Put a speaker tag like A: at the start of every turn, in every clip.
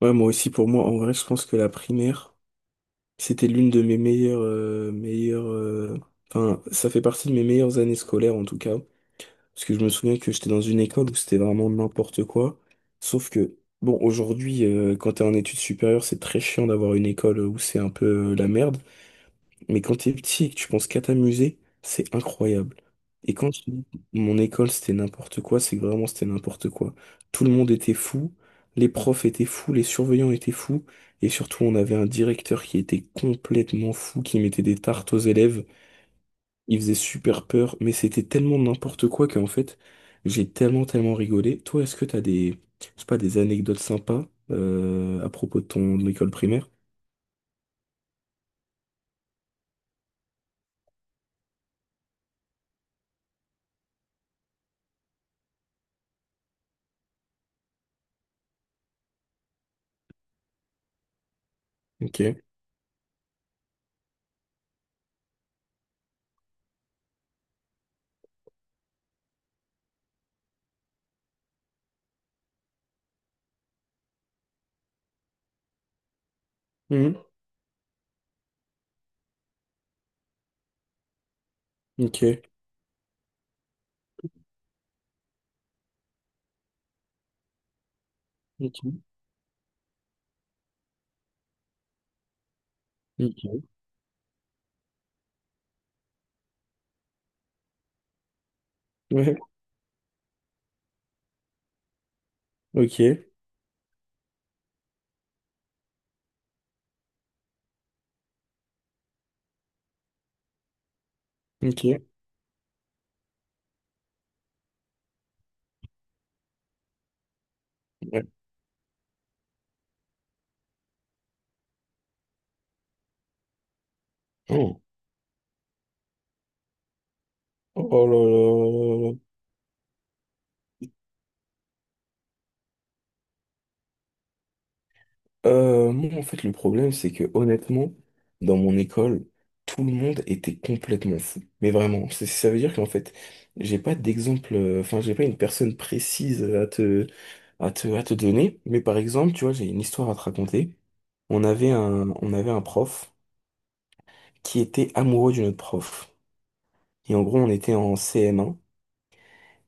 A: Ouais, moi aussi, pour moi, en vrai, je pense que la primaire, c'était l'une de mes enfin, ça fait partie de mes meilleures années scolaires, en tout cas. Parce que je me souviens que j'étais dans une école où c'était vraiment n'importe quoi. Sauf que, bon, aujourd'hui, quand t'es en études supérieures, c'est très chiant d'avoir une école où c'est un peu la merde. Mais quand t'es petit et que tu penses qu'à t'amuser, c'est incroyable. Et quand je dis mon école, c'était n'importe quoi, c'est que vraiment c'était n'importe quoi. Tout le monde était fou, les profs étaient fous, les surveillants étaient fous, et surtout on avait un directeur qui était complètement fou, qui mettait des tartes aux élèves, il faisait super peur, mais c'était tellement n'importe quoi qu'en fait, j'ai tellement tellement rigolé. Toi, est-ce que t'as des, je sais pas, des anecdotes sympas à propos de ton école primaire? Ok. Mhm. Ok. Ok. Ok. Ouais, ok, ok, ouais. Oh, oh là là. Moi, en fait, le problème, c'est que honnêtement, dans mon école, tout le monde était complètement fou. Mais vraiment, ça veut dire qu'en fait, j'ai pas d'exemple, enfin, j'ai pas une personne précise à te donner. Mais par exemple, tu vois, j'ai une histoire à te raconter. On avait un prof qui était amoureux d'une autre prof. Et en gros, on était en CM1.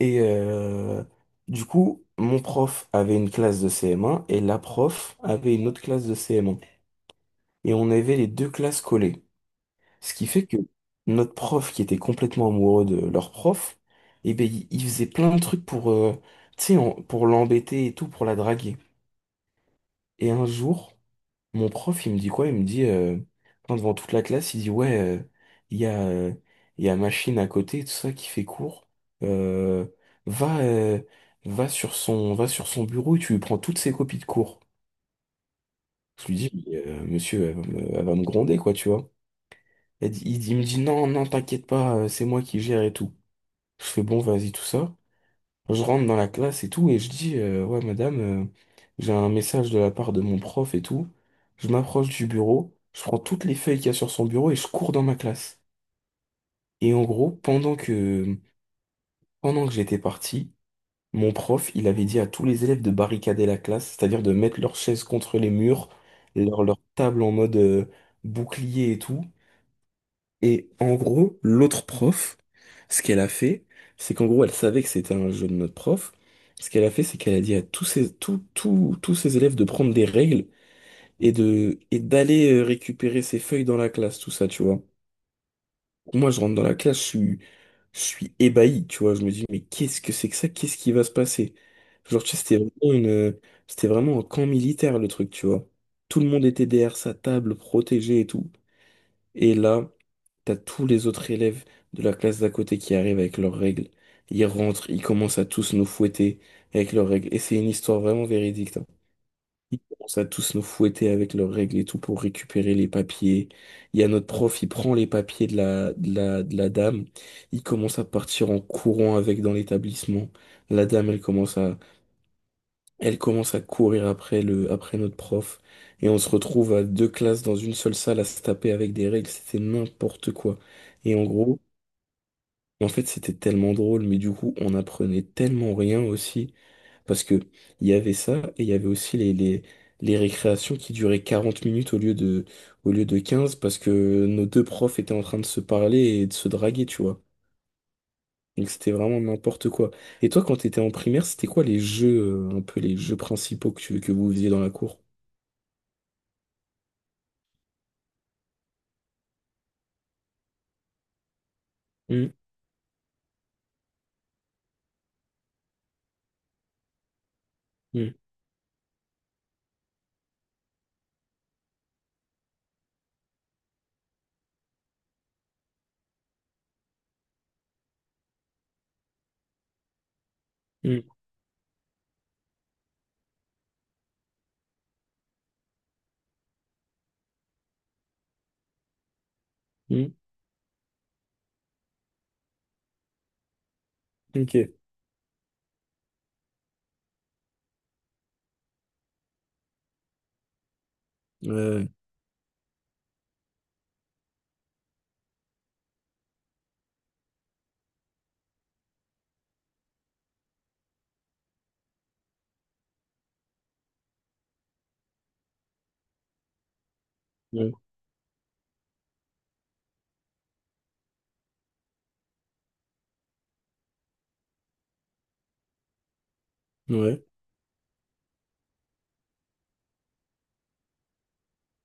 A: Et du coup, mon prof avait une classe de CM1 et la prof avait une autre classe de CM1. Et on avait les deux classes collées. Ce qui fait que notre prof, qui était complètement amoureux de leur prof, eh ben, il faisait plein de trucs pour, tu sais, pour l'embêter et tout, pour la draguer. Et un jour, mon prof, il me dit quoi? Il me dit, enfin, devant toute la classe, il dit, ouais, il y a, euh, il y a machine à côté, tout ça qui fait cours. Euh, va, euh, va sur son bureau et tu lui prends toutes ses copies de cours. Je lui dis, mais, monsieur, elle va me gronder, quoi, tu vois. Elle dit, il me dit, non, non, t'inquiète pas, c'est moi qui gère et tout. Je fais, bon, vas-y, tout ça. Je rentre dans la classe et tout, et je dis, ouais, madame, j'ai un message de la part de mon prof et tout. Je m'approche du bureau, je prends toutes les feuilles qu'il y a sur son bureau et je cours dans ma classe. Et en gros, pendant que j'étais parti, mon prof, il avait dit à tous les élèves de barricader la classe, c'est-à-dire de mettre leurs chaises contre les murs, leur table en mode, bouclier et tout. Et en gros, l'autre prof, ce qu'elle a fait, c'est qu'en gros, elle savait que c'était un jeu de notre prof. Ce qu'elle a fait, c'est qu'elle a dit à tous ses élèves de prendre des règles et d'aller récupérer ses feuilles dans la classe, tout ça, tu vois. Moi, je rentre dans la classe, je suis ébahi, tu vois. Je me dis, mais qu'est-ce que c'est que ça? Qu'est-ce qui va se passer? Genre, tu sais, c'était vraiment un camp militaire, le truc, tu vois. Tout le monde était derrière sa table, protégé et tout. Et là, t'as tous les autres élèves de la classe d'à côté qui arrivent avec leurs règles. Ils rentrent, ils commencent à tous nous fouetter avec leurs règles. Et c'est une histoire vraiment véridique, hein. Ils commencent à tous nous fouetter avec leurs règles et tout pour récupérer les papiers. Il y a notre prof, il prend les papiers de la, de la dame. Il commence à partir en courant avec dans l'établissement. La dame, elle commence à courir après notre prof. Et on se retrouve à deux classes dans une seule salle à se taper avec des règles. C'était n'importe quoi. Et en gros, et en fait, c'était tellement drôle, mais du coup, on apprenait tellement rien aussi, parce que il y avait ça, et il y avait aussi les récréations qui duraient 40 minutes au lieu de 15 parce que nos deux profs étaient en train de se parler et de se draguer, tu vois. Donc c'était vraiment n'importe quoi. Et toi, quand t'étais en primaire, c'était quoi les jeux, un peu les jeux principaux que, que vous faisiez dans la cour? Hum, hum, hum, hum, Ok. Ouais, ouais, ouais.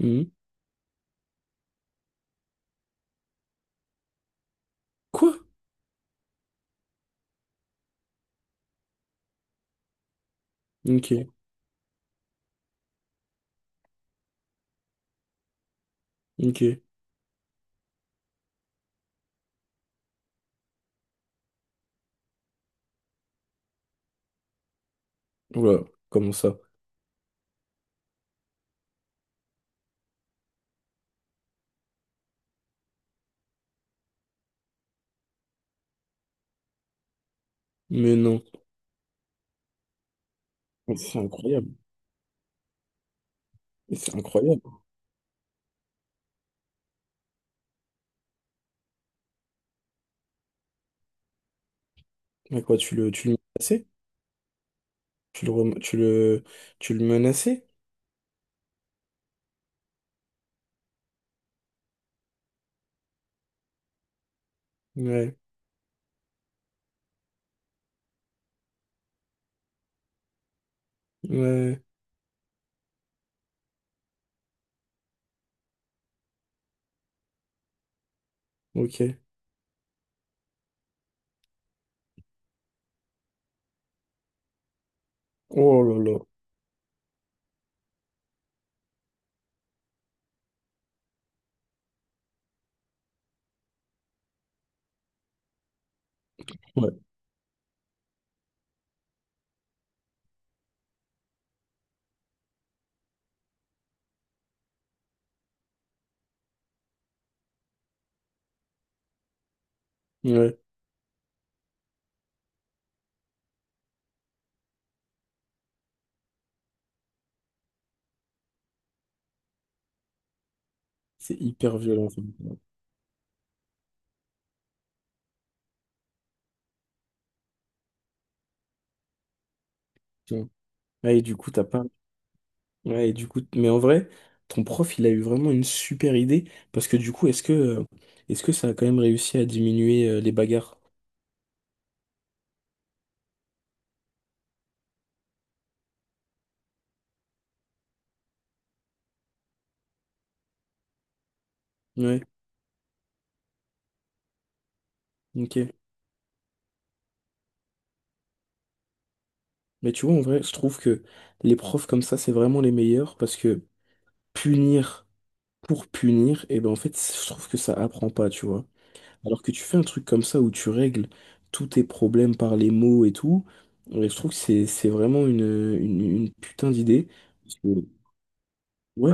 A: Hum. Quoi? Ok, ok. Voilà, comment ça? Mais non. Mais c'est incroyable. Mais c'est incroyable. Mais quoi, tu le menaçais? Tu le, rem- tu le menaçais? Ouais. Ouais. Ok. Oh là là. Ouais. Ouais. C'est hyper violent, ça. Putain. Ouais, et du coup, t'as pas. Ouais, et du coup, mais en vrai, ton prof, il a eu vraiment une super idée. Parce que du coup, est-ce que ça a quand même réussi à diminuer les bagarres? Ouais. Ok. Mais tu vois, en vrai, je trouve que les profs comme ça, c'est vraiment les meilleurs parce que punir. Pour punir, et ben en fait, je trouve que ça apprend pas, tu vois. Alors que tu fais un truc comme ça où tu règles tous tes problèmes par les mots et tout, ouais, je trouve que c'est vraiment une putain d'idée. Parce que- Ouais,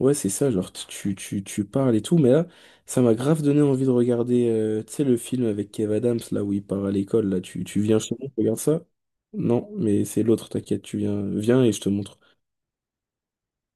A: ouais, c'est ça, genre tu parles et tout, mais là, ça m'a grave donné envie de regarder, tu sais, le film avec Kev Adams, là où il part à l'école, là, tu viens chez moi, regarde ça? Non, mais c'est l'autre, t'inquiète, tu viens, viens et je te montre.